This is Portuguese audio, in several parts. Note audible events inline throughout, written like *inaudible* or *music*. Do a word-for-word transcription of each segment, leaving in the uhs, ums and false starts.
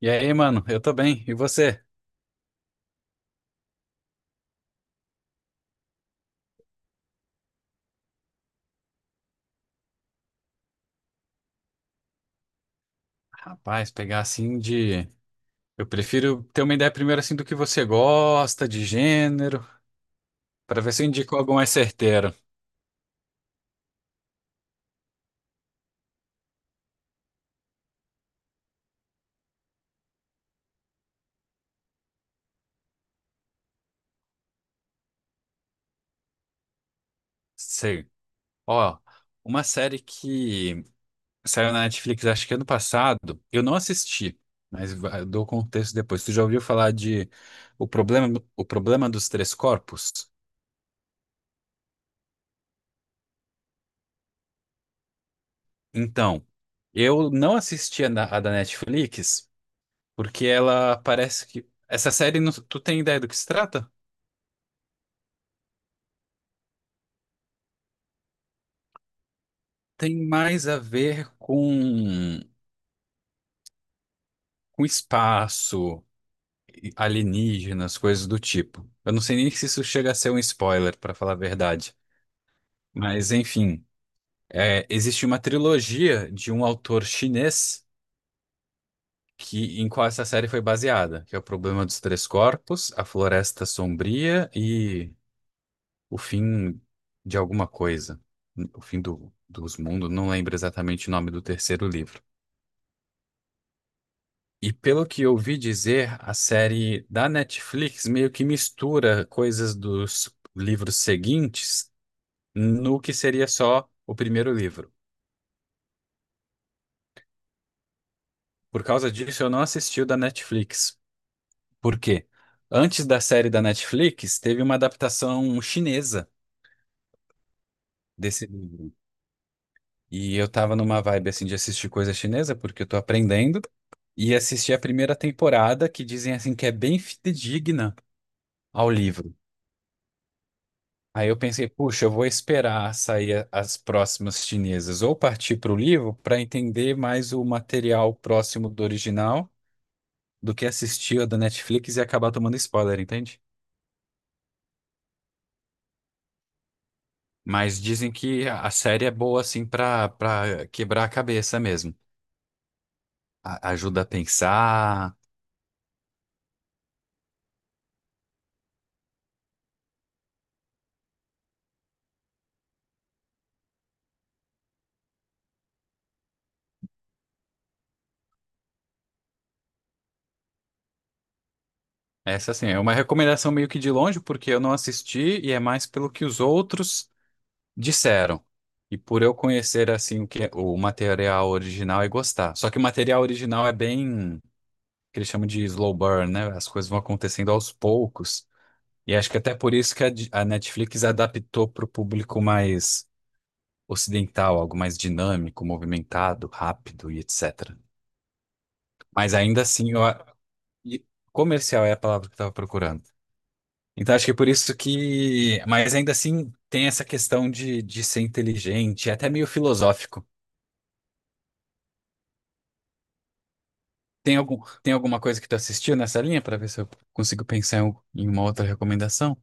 E aí, mano, eu tô bem. E você? Rapaz, pegar assim de. Eu prefiro ter uma ideia primeiro assim do que você gosta, de gênero, pra ver se eu indico algo mais certeiro. Sei. Ó, uma série que saiu na Netflix acho que ano passado, eu não assisti, mas va- eu dou contexto depois. Tu já ouviu falar de O Problema, O Problema dos Três Corpos? Então, eu não assisti a da a da Netflix porque ela parece que. Essa série, não- tu tem ideia do que se trata? Tem mais a ver com, com espaço, e alienígenas, coisas do tipo. Eu não sei nem se isso chega a ser um spoiler, para falar a verdade. Mas, enfim, é, existe uma trilogia de um autor chinês que em qual essa série foi baseada, que é O Problema dos Três Corpos, A Floresta Sombria e O Fim de Alguma Coisa. O Fim do- dos Mundos, não lembro exatamente o nome do terceiro livro. E pelo que eu ouvi dizer, a série da Netflix meio que mistura coisas dos livros seguintes no que seria só o primeiro livro. Por causa disso, eu não assisti o da Netflix. Por quê? Antes da série da Netflix, teve uma adaptação chinesa desse livro. E eu tava numa vibe assim de assistir coisa chinesa, porque eu tô aprendendo, e assisti a primeira temporada, que dizem assim que é bem fidedigna ao livro. Aí eu pensei, puxa, eu vou esperar sair a- as próximas chinesas ou partir para o livro para entender mais o material próximo do original do que assistir a da Netflix e acabar tomando spoiler, entende? Mas dizem que a a série é boa assim para para quebrar a cabeça mesmo. A- ajuda a pensar. Essa assim é uma recomendação meio que de longe porque eu não assisti e é mais pelo que os outros disseram. E por eu conhecer assim o que é, o material original e gostar. Só que o material original é bem que eles chamam de slow burn, né? As coisas vão acontecendo aos poucos. E acho que até por isso que a, di- a Netflix adaptou para o público mais ocidental, algo mais dinâmico, movimentado, rápido e et cetera. Mas ainda assim, eu, a- e comercial é a palavra que eu estava procurando. Então acho que é por isso que. Mas ainda assim tem essa questão de, de ser inteligente, é até meio filosófico. Tem algum, tem alguma coisa que tu assistiu nessa linha para ver se eu consigo pensar em um- em uma outra recomendação?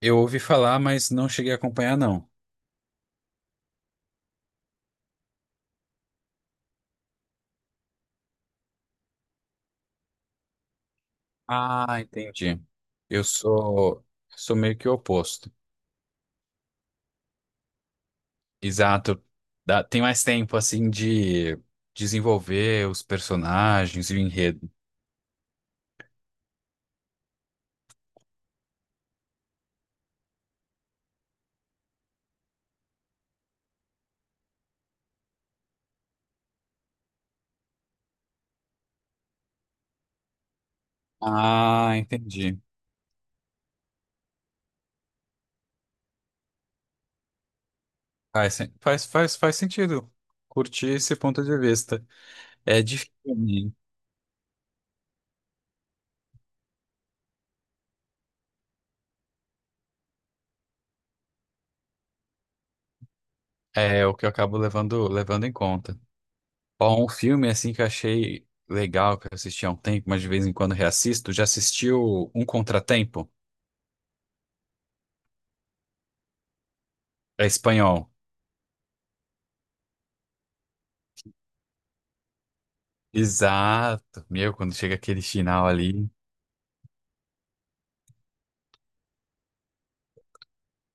Eu ouvi falar, mas não cheguei a acompanhar, não. Ah, entendi. Eu sou, sou meio que o oposto. Exato. Dá- tem mais tempo, assim, de desenvolver os personagens e o enredo. Ah, entendi. Faz, sen- faz, faz, faz sentido. Curti esse ponto de vista. É difícil filme. É o que eu acabo levando, levando em conta. Ó, um filme assim que eu achei legal, que eu assisti há um tempo, mas de vez em quando reassisto. Já assistiu Um Contratempo? É espanhol. Exato. Meu, quando chega aquele final ali.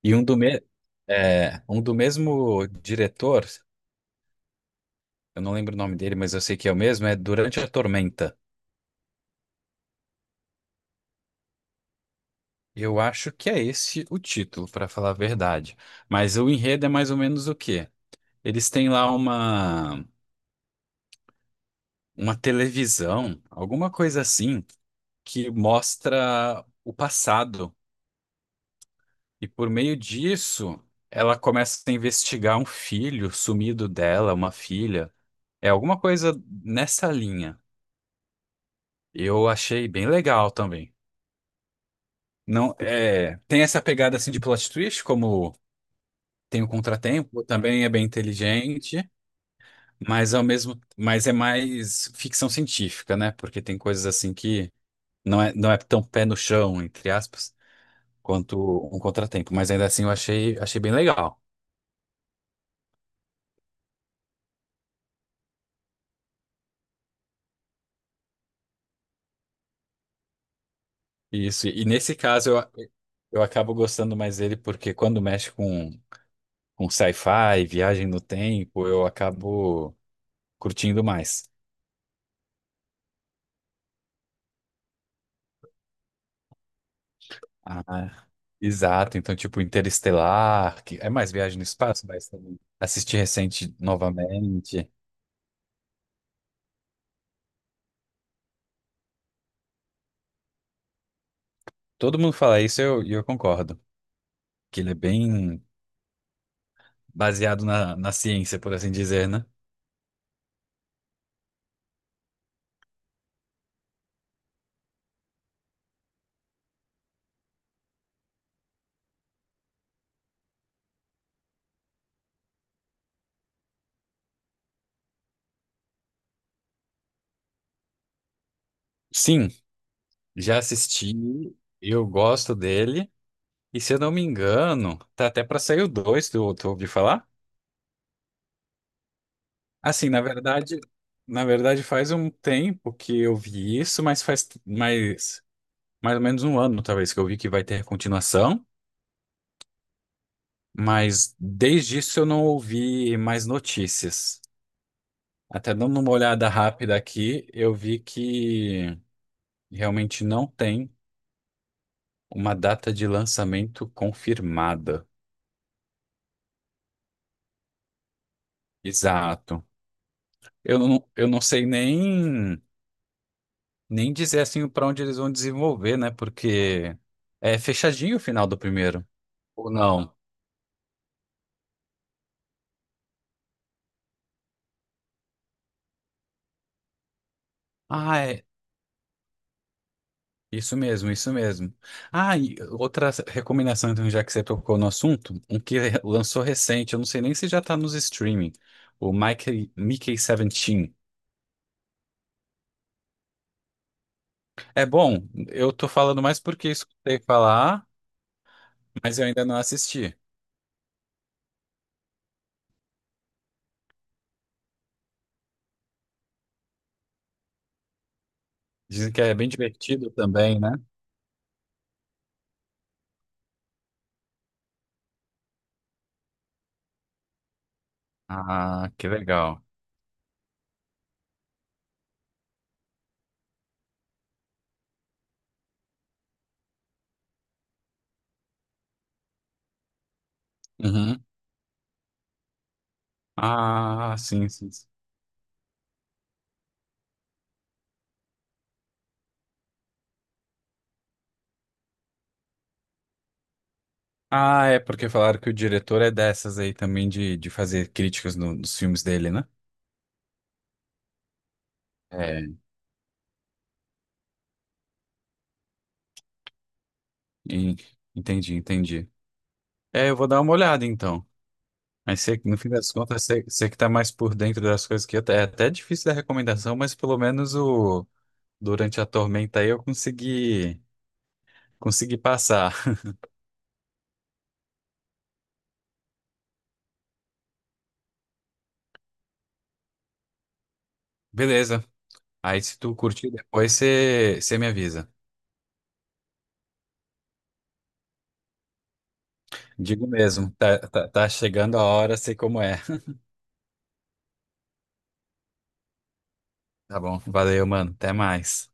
E um do, me... é, um do mesmo diretor, eu não lembro o nome dele, mas eu sei que é o mesmo, é Durante a Tormenta. Eu acho que é esse o título, para falar a verdade. Mas o enredo é mais ou menos o quê? Eles têm lá uma uma televisão, alguma coisa assim, que mostra o passado. E por meio disso, ela começa a investigar um filho sumido dela, uma filha. É alguma coisa nessa linha. Eu achei bem legal também. Não, é, tem essa pegada assim de plot twist, como tem o Contratempo, também é bem inteligente, mas ao mesmo, mas é mais ficção científica, né? Porque tem coisas assim que não é, não é tão pé no chão, entre aspas, quanto um contratempo, mas ainda assim eu achei, achei bem legal. Isso, e nesse caso eu, eu acabo gostando mais dele porque quando mexe com, com sci-fi, viagem no tempo, eu acabo curtindo mais. Ah, exato, então tipo Interestelar, que é mais viagem no espaço, mas também assisti recente novamente. Todo mundo fala isso e eu, e eu concordo, que ele é bem baseado na, na ciência, por assim dizer, né? Sim, já assisti, eu gosto dele. E se eu não me engano, tá até pra sair o dois, tu, tu ouviu falar? Assim, na verdade, na verdade faz um tempo que eu vi isso, mas faz mais, mais ou menos um ano, talvez, que eu vi que vai ter continuação, mas desde isso eu não ouvi mais notícias. Até dando uma olhada rápida aqui, eu vi que realmente não tem uma data de lançamento confirmada. Exato. Eu não, eu não sei nem. Nem dizer assim para onde eles vão desenvolver, né? Porque é fechadinho o final do primeiro. Ou não? Ah, é. Isso mesmo, isso mesmo. Ah, e outra recomendação, então, já que você tocou no assunto, um que *laughs* lançou recente, eu não sei nem se já tá nos streaming, o Mickey, Mickey dezessete. É bom, eu tô falando mais porque escutei falar, mas eu ainda não assisti. Dizem que é bem divertido também, né? Ah, que legal. Uhum. Ah, sim, sim. Ah, é porque falaram que o diretor é dessas aí também de, de fazer críticas no- nos filmes dele, né? É, E- entendi, entendi. É, eu vou dar uma olhada então. Mas você, no fim das contas, você, você que tá mais por dentro das coisas que até é até difícil da recomendação, mas pelo menos o durante a tormenta aí eu consegui consegui passar. Beleza. Aí se tu curtir depois, você, você me avisa. Digo mesmo, tá, tá, tá chegando a hora, sei como é. Tá bom, valeu, mano. Até mais.